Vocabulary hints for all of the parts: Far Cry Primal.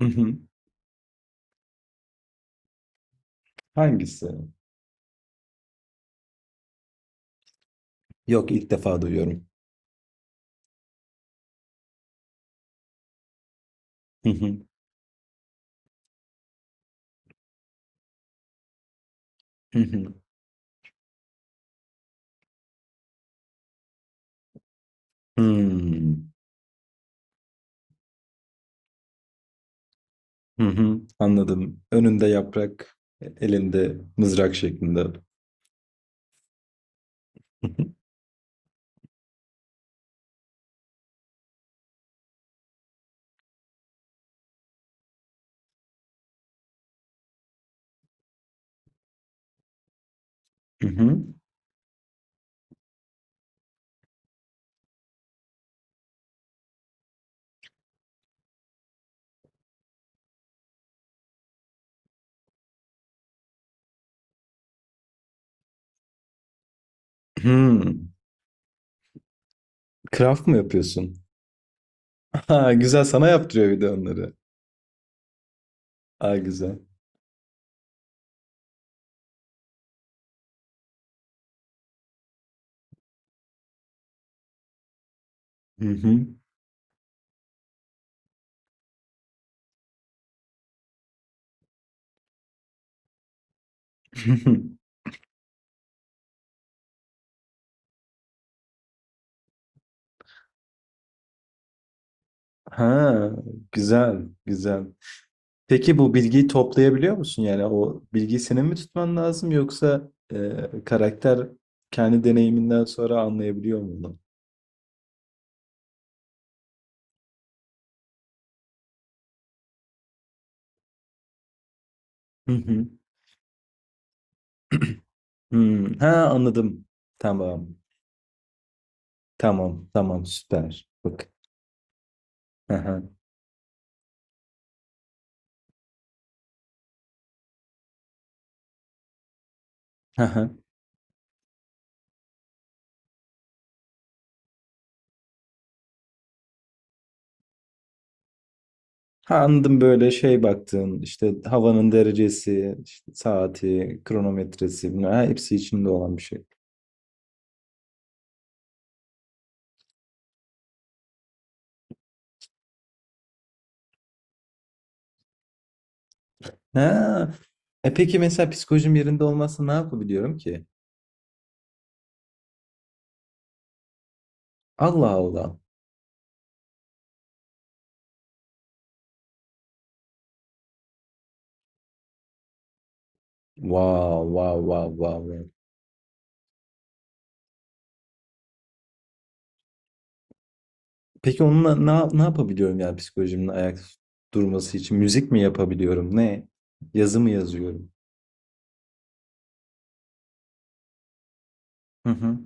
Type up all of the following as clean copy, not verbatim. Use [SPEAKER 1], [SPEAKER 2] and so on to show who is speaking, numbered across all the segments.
[SPEAKER 1] Hı hı. Hangisi? Yok, ilk defa duyuyorum. Hı hı. Hı hı. Hmm. Hı hı. Anladım. Önünde yaprak, elinde mızrak şeklinde. Hı hı. Hı hı. Hmm. Craft mı yapıyorsun? Ha, güzel, sana yaptırıyor bir de onları. Aa, güzel. Hı hı. Ha, güzel, güzel. Peki bu bilgiyi toplayabiliyor musun? Yani o bilgiyi senin mi tutman lazım, yoksa karakter kendi deneyiminden sonra anlayabiliyor mu bunu? Hı hı. Hımm. Ha, anladım. Tamam. Tamam, tamam, süper. Bak. Hı hı. Hı hı. Ha, anladım, böyle şey baktığın, işte, havanın derecesi, işte, saati, kronometresi, bunlar ha, hepsi içinde olan bir şey. Ha! E, peki mesela psikolojim yerinde olmazsa ne yapabiliyorum ki? Allah Allah. Wow, wow, wow, wow, wow. Peki onunla ne yapabiliyorum, yani psikolojimin ayakta durması için? Müzik mi yapabiliyorum? Ne? Yazı mı yazıyorum? Hı hı.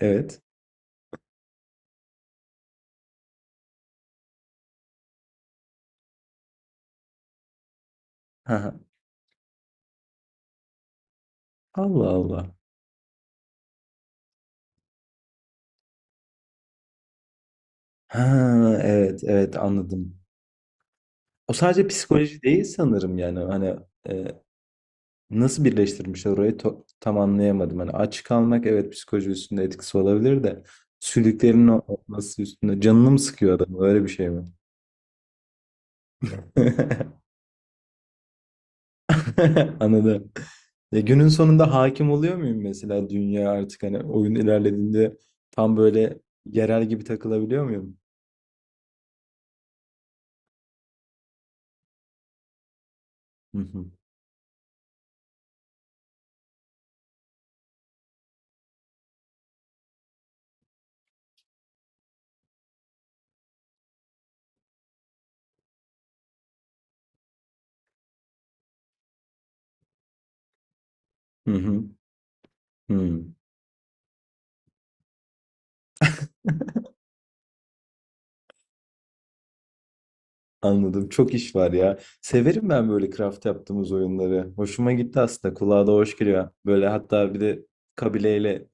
[SPEAKER 1] Evet. Hı hı. Allah Allah. Ha, evet, evet, anladım. O sadece psikoloji değil sanırım, yani hani, e, nasıl birleştirmiş orayı, to- tam anlayamadım. Hani aç kalmak, evet, psikoloji üstünde etkisi olabilir de sülüklerin o- olması üstünde canını mı sıkıyor adam, öyle bir şey mi? Anladım. Ya günün sonunda hakim oluyor muyum mesela dünya artık, hani oyun ilerlediğinde tam böyle yerel gibi takılabiliyor muyum? Hı hı. Hı hı. Hı. Anladım. Çok iş var ya. Severim ben böyle craft yaptığımız oyunları. Hoşuma gitti aslında. Kulağa da hoş geliyor. Böyle hatta bir de kabileyle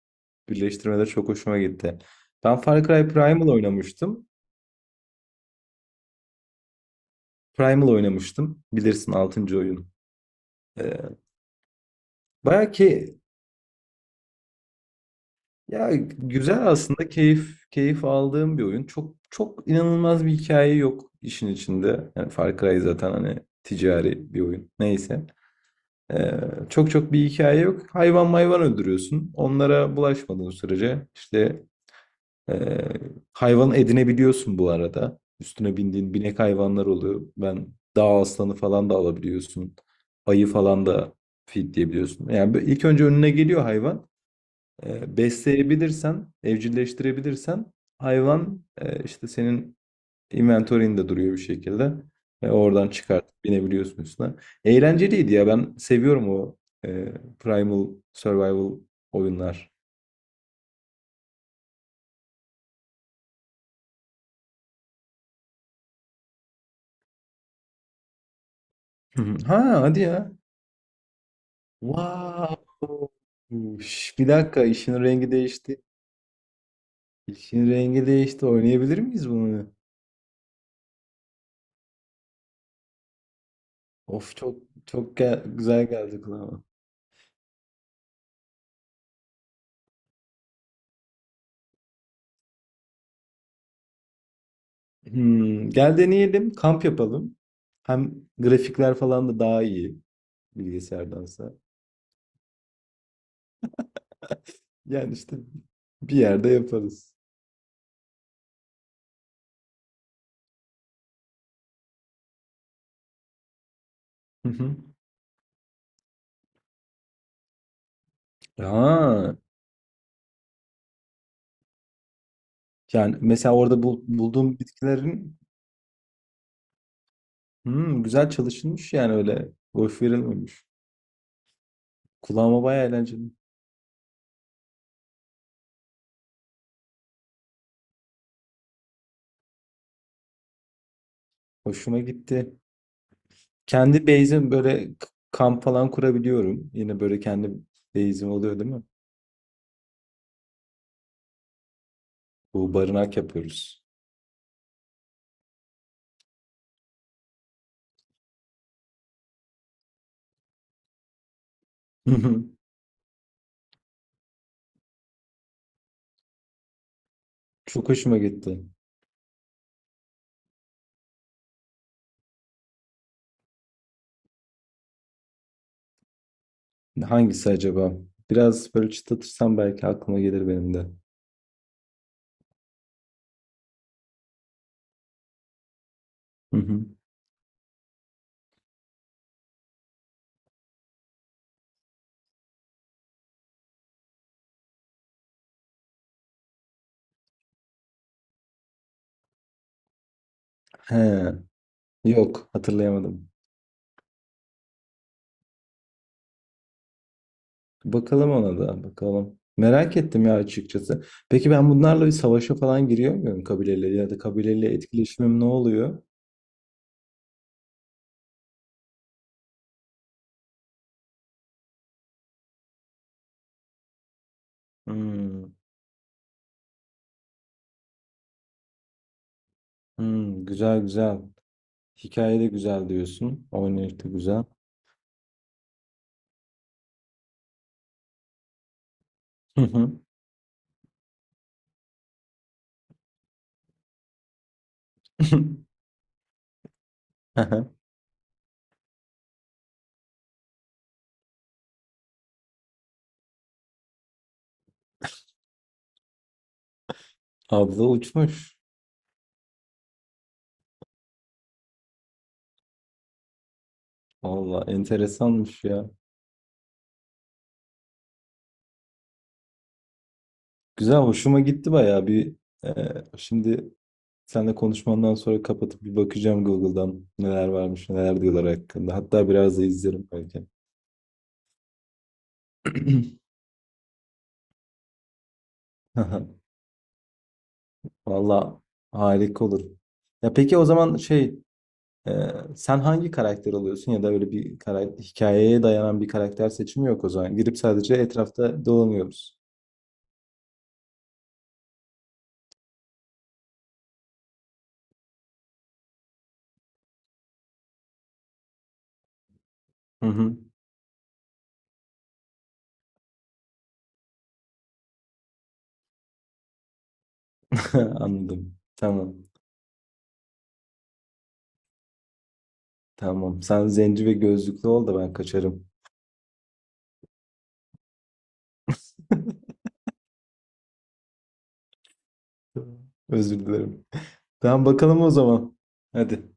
[SPEAKER 1] birleştirmede çok hoşuma gitti. Ben Far Cry Primal oynamıştım. Primal oynamıştım. Bilirsin, 6. oyun. Ee, baya ki ya, güzel aslında, keyif aldığım bir oyun. Çok çok inanılmaz bir hikaye yok işin içinde. Yani Far Cry zaten hani ticari bir oyun. Neyse. Ee, çok çok bir hikaye yok. Hayvan mayvan öldürüyorsun. Onlara bulaşmadığın sürece işte ee, hayvan edinebiliyorsun bu arada. Üstüne bindiğin binek hayvanlar oluyor. Ben dağ aslanı falan da alabiliyorsun. Ayı falan da feedleyebiliyorsun. Yani böyle ilk önce önüne geliyor hayvan. Besleyebilirsen, evcilleştirebilirsen hayvan, işte senin inventory'inde duruyor bir şekilde. Ve oradan çıkartıp binebiliyorsun üstüne. Eğlenceliydi ya, ben seviyorum o e, Primal Survival oyunlar. Hı hı. Ha, hadi ya. Wow. Üş, bir dakika işin rengi değişti. İşin rengi değişti. Oynayabilir miyiz bunu? Of, çok çok gel- güzel geldi kulağıma. Hmm, gel deneyelim, kamp yapalım. Hem grafikler falan da daha iyi bilgisayardansa. Yani işte bir yerde yaparız. Hı hı. Aa, yani mesela orada bul- bulduğum bitkilerin, hmm, güzel çalışılmış yani, öyle boş verilmemiş. Kulağıma bayağı eğlenceli. Hoşuma gitti. Kendi base'im böyle k- kamp falan kurabiliyorum. Yine böyle kendi base'im oluyor değil mi? Bu barınak yapıyoruz. Hı hı. Çok hoşuma gitti. Hangisi acaba? Biraz böyle çıtlatırsam belki aklıma gelir benim de. Hı hı. He, yok, hatırlayamadım. Bakalım, ona da bakalım. Merak ettim ya, açıkçası. Peki ben bunlarla bir savaşa falan giriyor muyum kabileyle, ya da kabileyle etkileşimim ne oluyor? Hmm, hmm, güzel güzel. Hikaye de güzel diyorsun. Oynayış da güzel. Hı hı. Abla uçmuş. Valla enteresanmış ya. Güzel, hoşuma gitti bayağı bir. e, Şimdi seninle konuşmandan sonra kapatıp bir bakacağım Google'dan, neler varmış, neler diyorlar hakkında. Hatta biraz da izlerim belki. Valla harika olur. Ya peki o zaman şey, e, sen hangi karakter oluyorsun, ya da öyle bir karakter, hikayeye dayanan bir karakter seçimi yok o zaman. Girip sadece etrafta dolanıyoruz. Hı hı. Anladım. Tamam. Tamam. Sen zenci ve gözlüklü ol da ben kaçarım. Özür dilerim. Tamam, bakalım o zaman. Hadi.